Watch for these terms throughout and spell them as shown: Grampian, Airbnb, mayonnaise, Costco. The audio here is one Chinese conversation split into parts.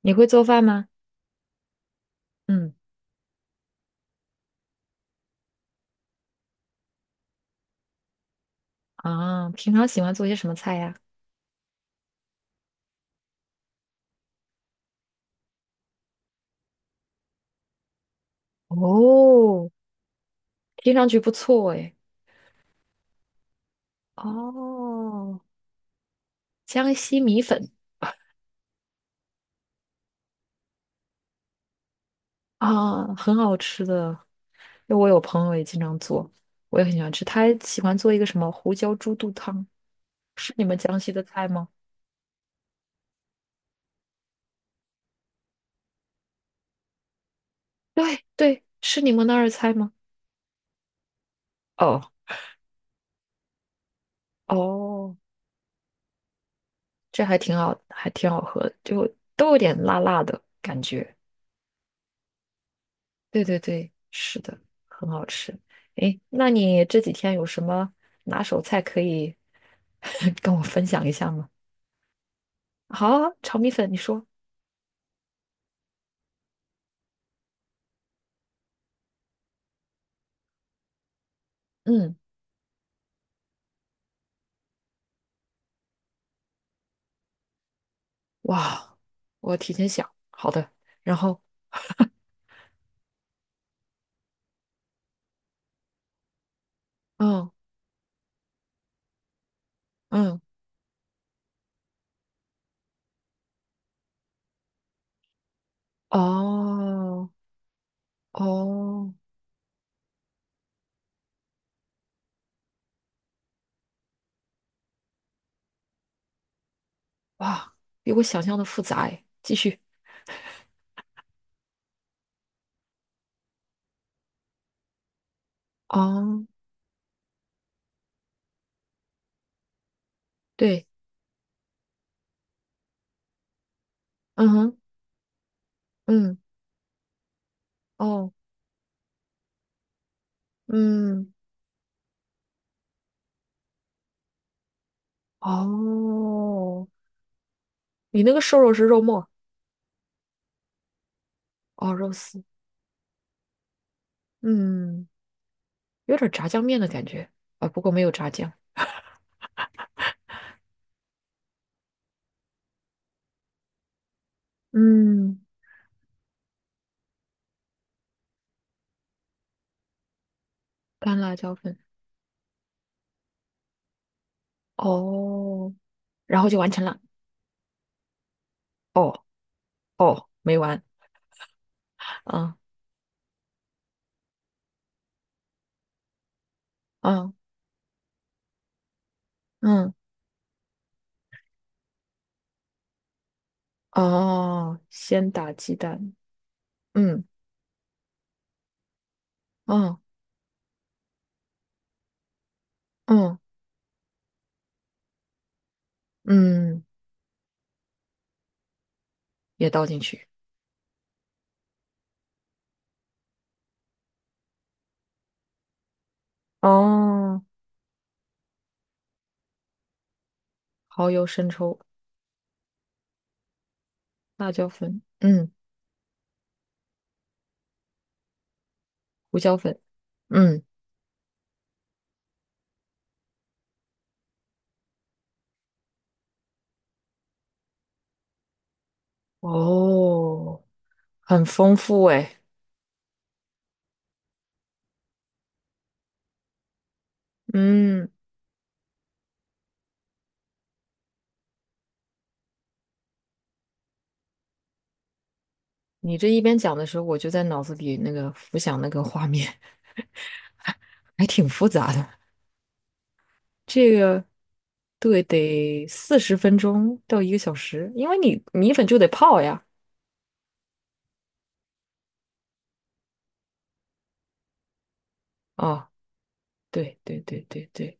你会做饭吗？嗯。啊，平常喜欢做些什么菜呀？哦，听上去不错诶。哦，江西米粉啊，很好吃的。因为我有朋友也经常做，我也很喜欢吃。他喜欢做一个什么胡椒猪肚汤，是你们江西的菜吗？对对，是你们那儿的菜吗？哦哦，这还挺好，还挺好喝的，就都有点辣辣的感觉。对对对，是的，很好吃。诶，那你这几天有什么拿手菜可以 跟我分享一下吗？好啊炒米粉，你说。嗯。哇，我提前想，好的。然后 嗯嗯，哦哦，哇，比我想象的复杂诶。继续。哦，对。嗯哼。嗯。哦。嗯。哦。你那个瘦肉是肉末，哦，肉丝。嗯。有点炸酱面的感觉啊，不过没有炸酱。嗯。干辣椒粉。哦，然后就完成了。哦哦，没完。嗯嗯嗯，哦，先打鸡蛋。嗯嗯嗯嗯，也倒进去。哦，蚝油、生抽、辣椒粉，嗯，胡椒粉，嗯。哦，很丰富哎。嗯，你这一边讲的时候，我就在脑子里那个浮想那个画面，还挺复杂的。这个对，得40分钟到一个小时，因为你米粉就得泡呀。啊，对对对对对，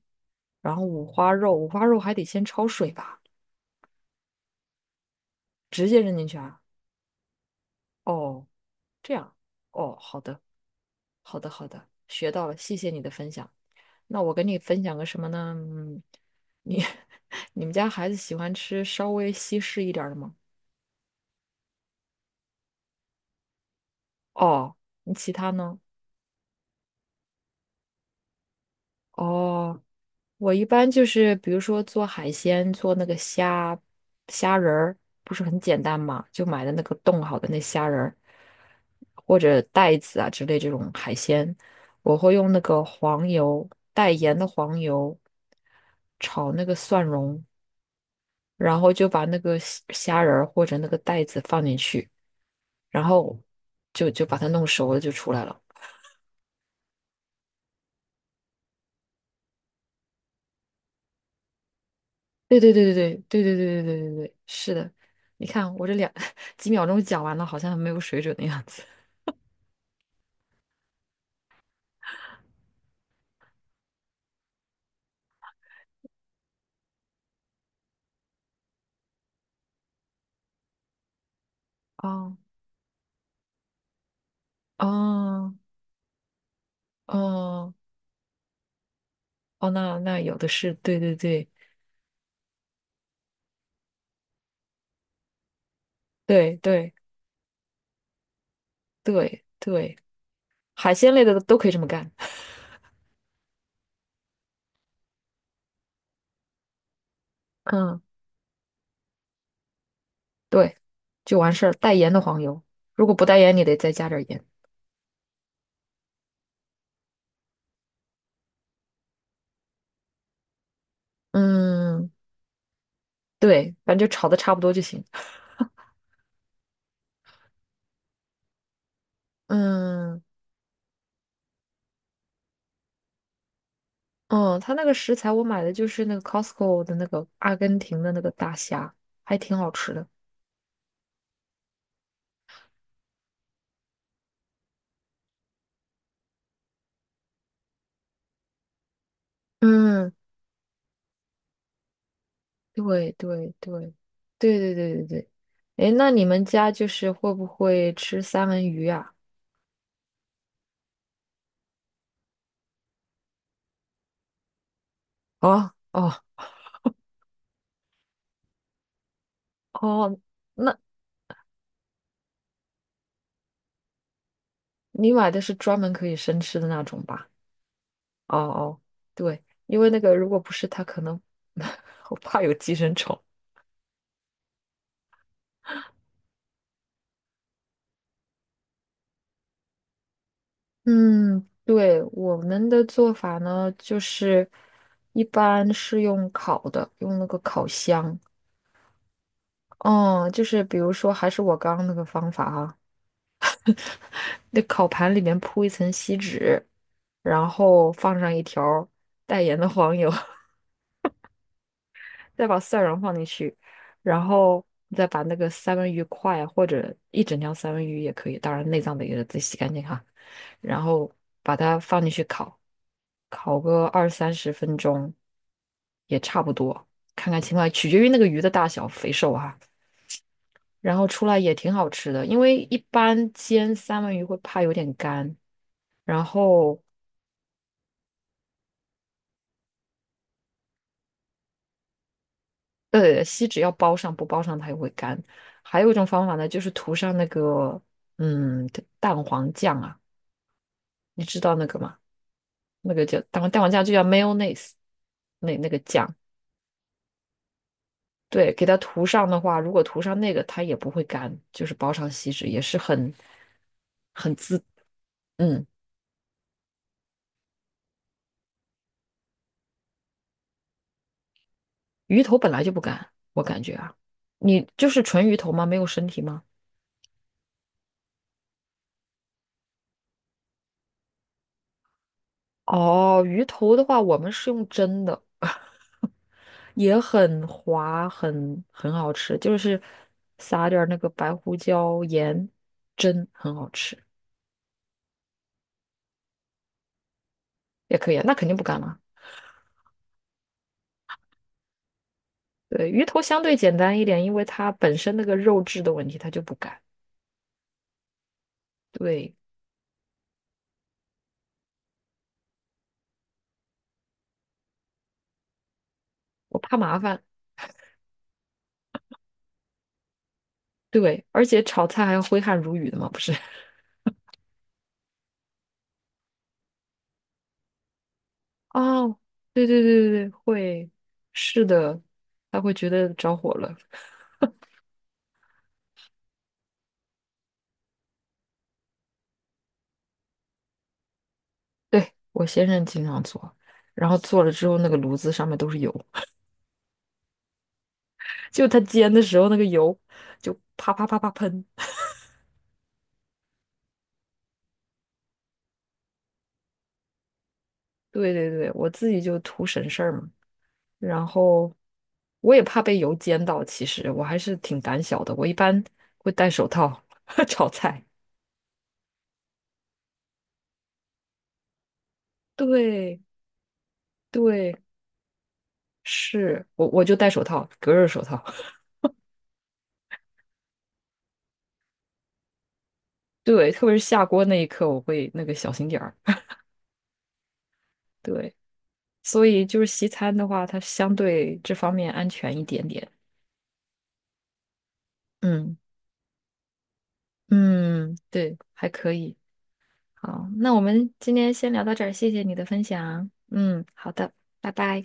然后五花肉，五花肉还得先焯水吧，直接扔进去啊。哦，这样，哦，好的，好的，好的，学到了，谢谢你的分享。那我跟你分享个什么呢？嗯，你 你们家孩子喜欢吃稍微西式一点儿的吗？哦，那其他呢？哦。我一般就是比如说做海鲜，做那个虾仁儿，不是很简单嘛？就买的那个冻好的那虾仁儿，或者带子啊之类这种海鲜，我会用那个黄油带盐的黄油炒那个蒜蓉，然后就把那个虾仁儿或者那个带子放进去，然后就把它弄熟了就出来了。对对对对对对对对对对对对，是的。你看我这两 几秒钟讲完了，好像很没有水准的样子。哦哦哦哦，那那有的是，对对对对对对对，海鲜类的都可以这么干。嗯，对，就完事儿。带盐的黄油，如果不带盐，你得再加点儿盐。嗯，对，反正就炒的差不多就行。嗯嗯，他那个食材我买的就是那个 Costco 的那个阿根廷的那个大虾，还挺好吃的。嗯，对对对，对对对对对。哎，那你们家就是会不会吃三文鱼啊？哦哦哦，那你买的是专门可以生吃的那种吧？哦哦，对，因为那个如果不是，它可能 我怕有寄生虫。嗯，对，我们的做法呢，就是一般是用烤的，用那个烤箱。哦，就是比如说，还是我刚刚那个方法啊，那烤盘里面铺一层锡纸，然后放上一条带盐的黄油，再把蒜蓉放进去，然后你再把那个三文鱼块或者一整条三文鱼也可以，当然内脏得给它自己洗干净哈，然后把它放进去烤，烤个20到30分钟也差不多，看看情况，取决于那个鱼的大小肥瘦哈。然后出来也挺好吃的，因为一般煎三文鱼会怕有点干，然后对，锡纸要包上，不包上它也会干。还有一种方法呢，就是涂上那个嗯蛋黄酱啊，你知道那个吗？那个叫蛋黄酱就叫 mayonnaise，那那个酱，对，给它涂上的话，如果涂上那个，它也不会干，就是包上锡纸也是很很滋，嗯，鱼头本来就不干，我感觉啊，你就是纯鱼头吗？没有身体吗？哦，鱼头的话，我们是用蒸的，也很滑，很好吃，就是撒点儿那个白胡椒盐蒸，很好吃，也可以啊。那肯定不干了。对，鱼头相对简单一点，因为它本身那个肉质的问题，它就不干。对，我怕麻烦。对，而且炒菜还要挥汗如雨的嘛，不是？哦，对对对对对，会，是的，他会觉得着火了。对，我先生经常做，然后做了之后，那个炉子上面都是油，就他煎的时候，那个油就啪啪啪啪喷。对对对，我自己就图省事儿嘛，然后我也怕被油煎到，其实我还是挺胆小的，我一般会戴手套 炒菜。对对，是我就戴手套，隔热手套。对，特别是下锅那一刻，我会那个小心点儿。对，所以就是西餐的话，它相对这方面安全一点点。嗯嗯，对，还可以。好，那我们今天先聊到这儿，谢谢你的分享。嗯，好的，拜拜。